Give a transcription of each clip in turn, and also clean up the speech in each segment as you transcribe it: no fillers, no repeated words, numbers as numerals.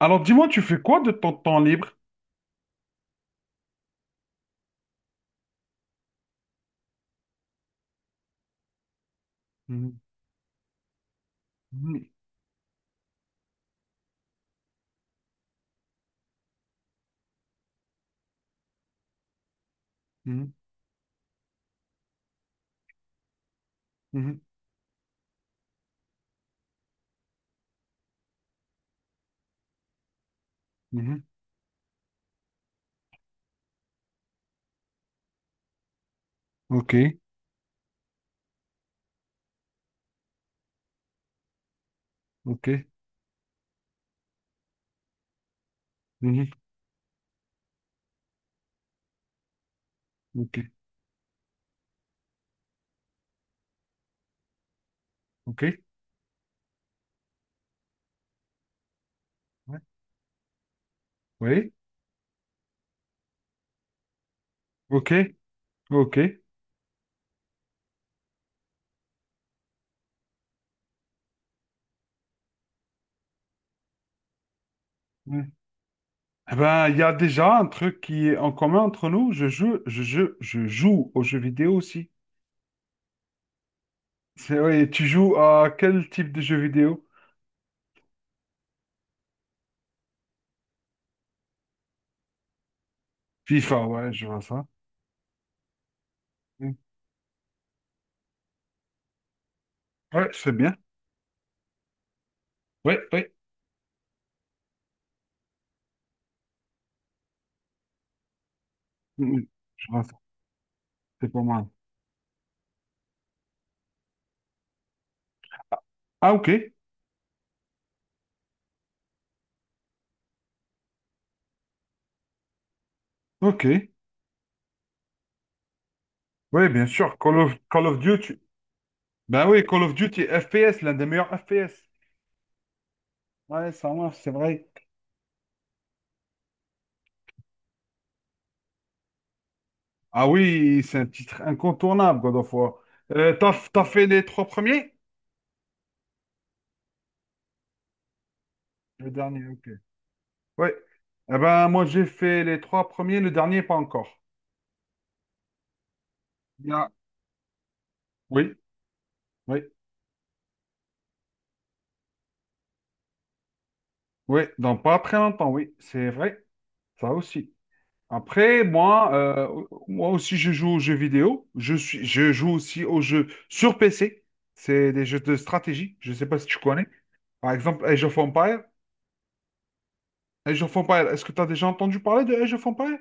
Alors, dis-moi, tu fais quoi de ton temps libre? Mhm, mhm, mhm, mhm, mhm. Ok, ok, mhm, ok, ok, ouais, oui, ok, ok. Ouais. Eh ben, il y a déjà un truc qui est en commun entre nous. Je joue aux jeux vidéo aussi. Ouais, tu joues à quel type de jeu vidéo? FIFA, ouais, je vois ça. Mm. Ouais, c'est bien. Ouais, ouais, mm, je vois ça. C'est pas mal. Ah, ok. Ok, oui, bien sûr. Call of Duty. Ben oui, Call of Duty FPS, l'un des meilleurs FPS. Ouais, ça marche, c'est vrai. Ah oui, c'est un titre incontournable, God of War. T'as fait les trois premiers? Le dernier, ok. Oui. Eh ben, moi, j'ai fait les trois premiers, le dernier, pas encore. Bien. Oui, oui, oui. Donc, pas très longtemps, oui, c'est vrai. Ça aussi. Après, moi, moi aussi, je joue aux jeux vidéo. Je joue aussi aux jeux sur PC. C'est des jeux de stratégie. Je ne sais pas si tu connais. Par exemple, Age of Empires. Age of Empires, est-ce que tu as déjà entendu parler de Age of Empires?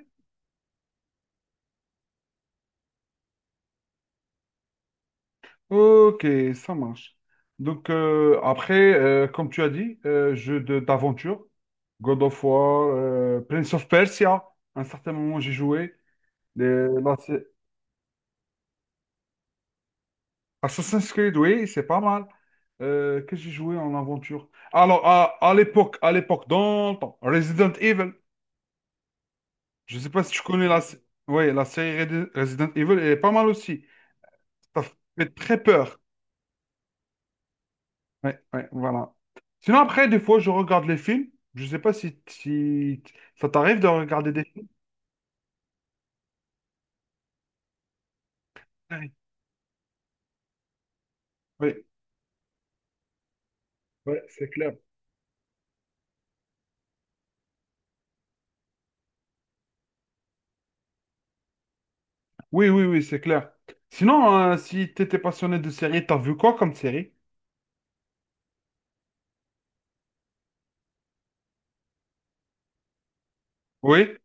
Ok, ça marche. Donc, après, comme tu as dit, jeu d'aventure, God of War, Prince of Persia, à un certain moment j'ai joué. Les- la sé- Assassin's Creed, oui, c'est pas mal. Qu'est-ce que j'ai joué en aventure? Alors, à l'époque, dans le temps, Resident Evil, je ne sais pas si tu connais ouais, la série Resident Evil, elle est pas mal aussi. Ça fait très peur. Ouais, ouais, voilà. Sinon, après, des fois, je regarde les films. Je sais pas si ça t'arrive de regarder des films. Oui, oui, ouais, c'est clair. Oui, oui, oui, c'est clair. Sinon, si t'étais passionné de séries, t'as vu quoi comme série? Oui,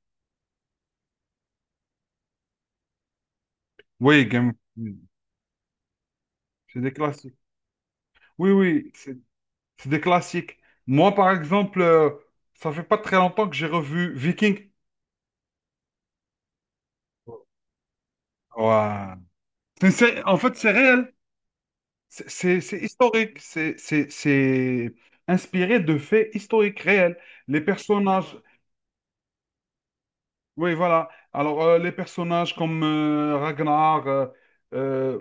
oui, Game of Thrones. C'est des classiques. Oui, oui, c'est des classiques. Moi, par exemple, ça fait pas très longtemps que j'ai revu Viking. Ouais. En fait, c'est réel. C'est historique, c'est inspiré de faits historiques réels. Les personnages, oui, voilà. Alors, les personnages comme Ragnar, euh,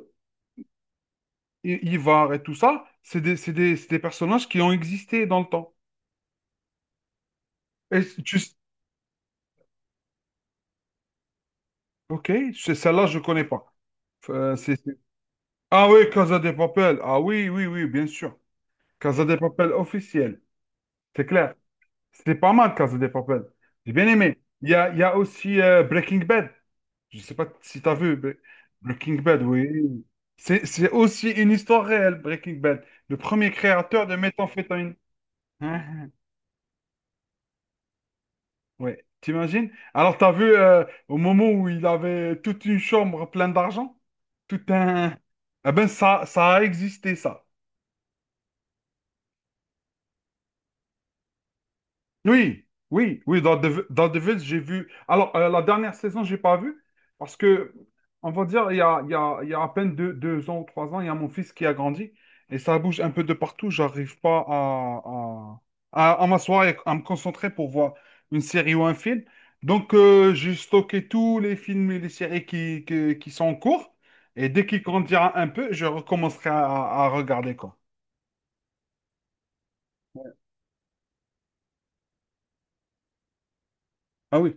Ivar et tout ça, c'est des personnages qui ont existé dans le temps. Et c- tu, s- ok, celle-là, je connais pas. Euh, c'est- c'est- Ah oui, Casa de Papel. Ah oui, oui, oui, bien sûr. Casa de Papel officiel, c'est clair. C'était pas mal, Casa de Papel. J'ai bien aimé. Il y a aussi Breaking Bad. Je sais pas si t'as vu, mais Breaking Bad, oui. C'est aussi une histoire réelle, Breaking Bad. Le premier créateur de méthamphétamine. Hein, hein. Ouais, t'imagines? Alors, t'as vu au moment où il avait toute une chambre pleine d'argent? Tout un. Eh ben, ça a existé, ça. Oui, oui, oui, dans Devils, j'ai vu. Alors, la dernière saison, j'ai pas vu, parce que, on va dire, il y a, il y a- il y a à peine 2 ans ou 3 ans, il y a mon fils qui a grandi, et ça bouge un peu de partout. J'arrive pas à m'asseoir et à me concentrer pour voir une série ou un film. Donc, j'ai stocké tous les films et les séries qui sont en cours, et dès qu'il grandira un peu, je recommencerai à regarder, quoi. Ah oui,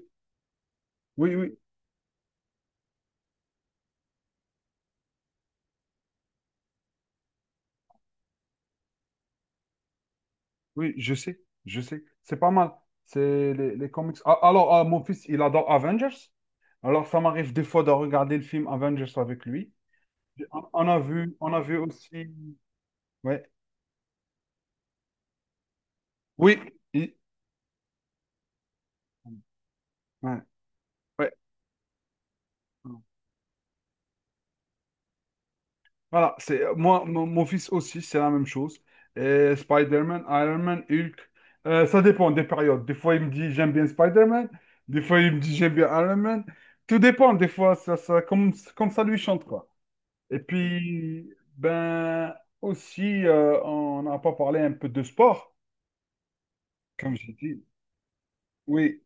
oui, oui. Oui, je sais, je sais. C'est pas mal. C'est les comics. Ah, alors, ah, mon fils, il adore Avengers. Alors, ça m'arrive des fois de regarder le film Avengers avec lui. On a vu aussi. Ouais. Oui. il- Ouais. Ouais. Voilà. C'est moi, mon fils aussi, c'est la même chose. Et Spider-Man, Iron Man, Hulk. Ça dépend des périodes. Des fois, il me dit j'aime bien Spider-Man. Des fois, il me dit j'aime bien Iron Man. Tout dépend. Des fois, comme ça lui chante, quoi. Et puis, ben, aussi, on n'a pas parlé un peu de sport, comme j'ai dit. Oui,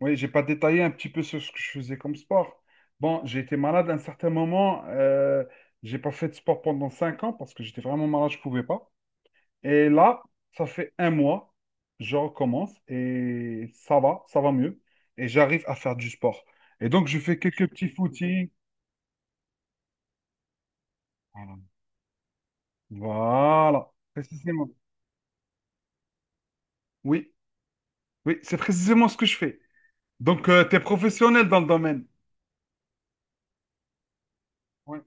oui, j'ai pas détaillé un petit peu sur ce que je faisais comme sport. Bon, j'ai été malade à un certain moment. J'ai pas fait de sport pendant 5 ans parce que j'étais vraiment malade, je pouvais pas. Et là, ça fait un mois, je recommence et ça va mieux. Et j'arrive à faire du sport. Et donc, je fais quelques petits footings. Voilà, voilà, précisément. Oui, oui, c'est précisément ce que je fais. Donc, tu es professionnel dans le domaine. Oui,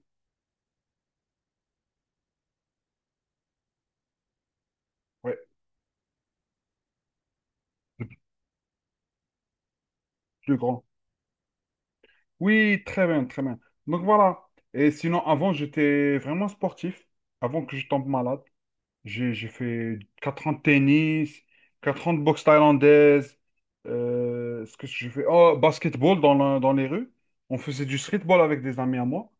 ouais, le plus grand. Oui, très bien, très bien. Donc, voilà. Et sinon, avant, j'étais vraiment sportif. Avant que je tombe malade, j'ai fait 4 ans de tennis, 4 ans de boxe thaïlandaise. Ce que je fais, oh, basketball dans les rues. On faisait du streetball avec des amis à moi.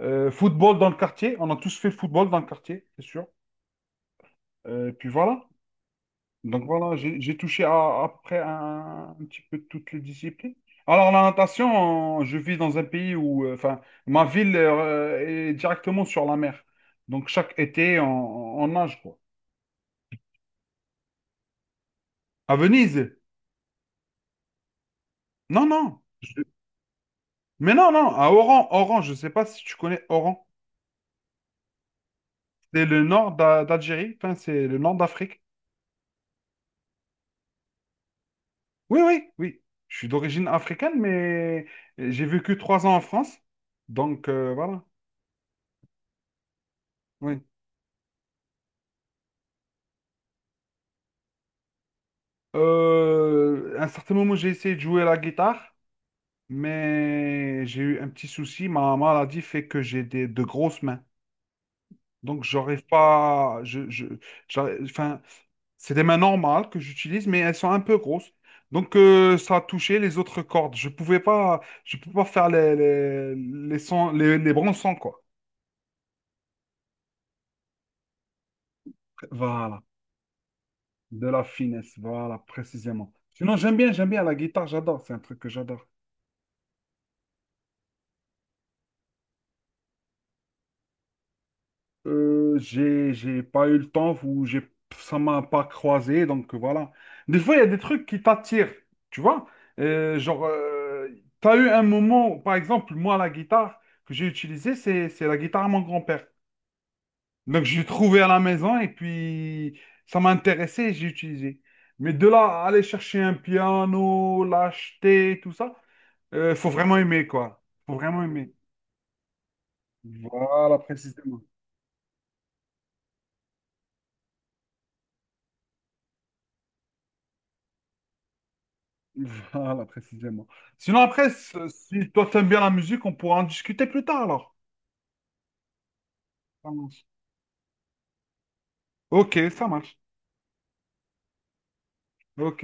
Football dans le quartier. On a tous fait football dans le quartier, c'est sûr. Puis voilà. Donc voilà, j'ai touché à un petit peu toutes les disciplines. Alors la natation, je vis dans un pays où, enfin, ma ville est directement sur la mer. Donc chaque été, on nage, quoi. À Venise? Non, non. Mais non, non, à Oran. Oran, je ne sais pas si tu connais Oran. C'est le nord d'Algérie, enfin, c'est le nord d'Afrique. Oui, oui, oui. Je suis d'origine africaine, mais j'ai vécu 3 ans en France. Donc voilà. Oui. À un certain moment, j'ai essayé de jouer à la guitare, mais j'ai eu un petit souci. Ma maladie fait que j'ai de grosses mains. Donc, j'arrive pas. Enfin, c'est des mains normales que j'utilise, mais elles sont un peu grosses. Donc, ça a touché les autres cordes. Je pouvais pas, je peux pas faire les sons, les bons sons, quoi. Voilà, de la finesse, voilà, précisément. Sinon, j'aime bien la guitare, j'adore, c'est un truc que j'adore. J'ai pas eu le temps ou ça m'a pas croisé, donc voilà. Des fois, il y a des trucs qui t'attirent, tu vois. Genre, t'as eu un moment, par exemple, moi, la guitare que j'ai utilisée, c'est la guitare à mon grand-père. Donc, je l'ai trouvée à la maison et puis ça m'a intéressé et j'ai utilisé. Mais de là, à aller chercher un piano, l'acheter, tout ça, faut vraiment aimer, quoi. Faut vraiment aimer. Voilà, précisément. Voilà, précisément. Sinon, après, si toi t'aimes bien la musique, on pourra en discuter plus tard alors. Ça marche. Ok, ça marche. Ok.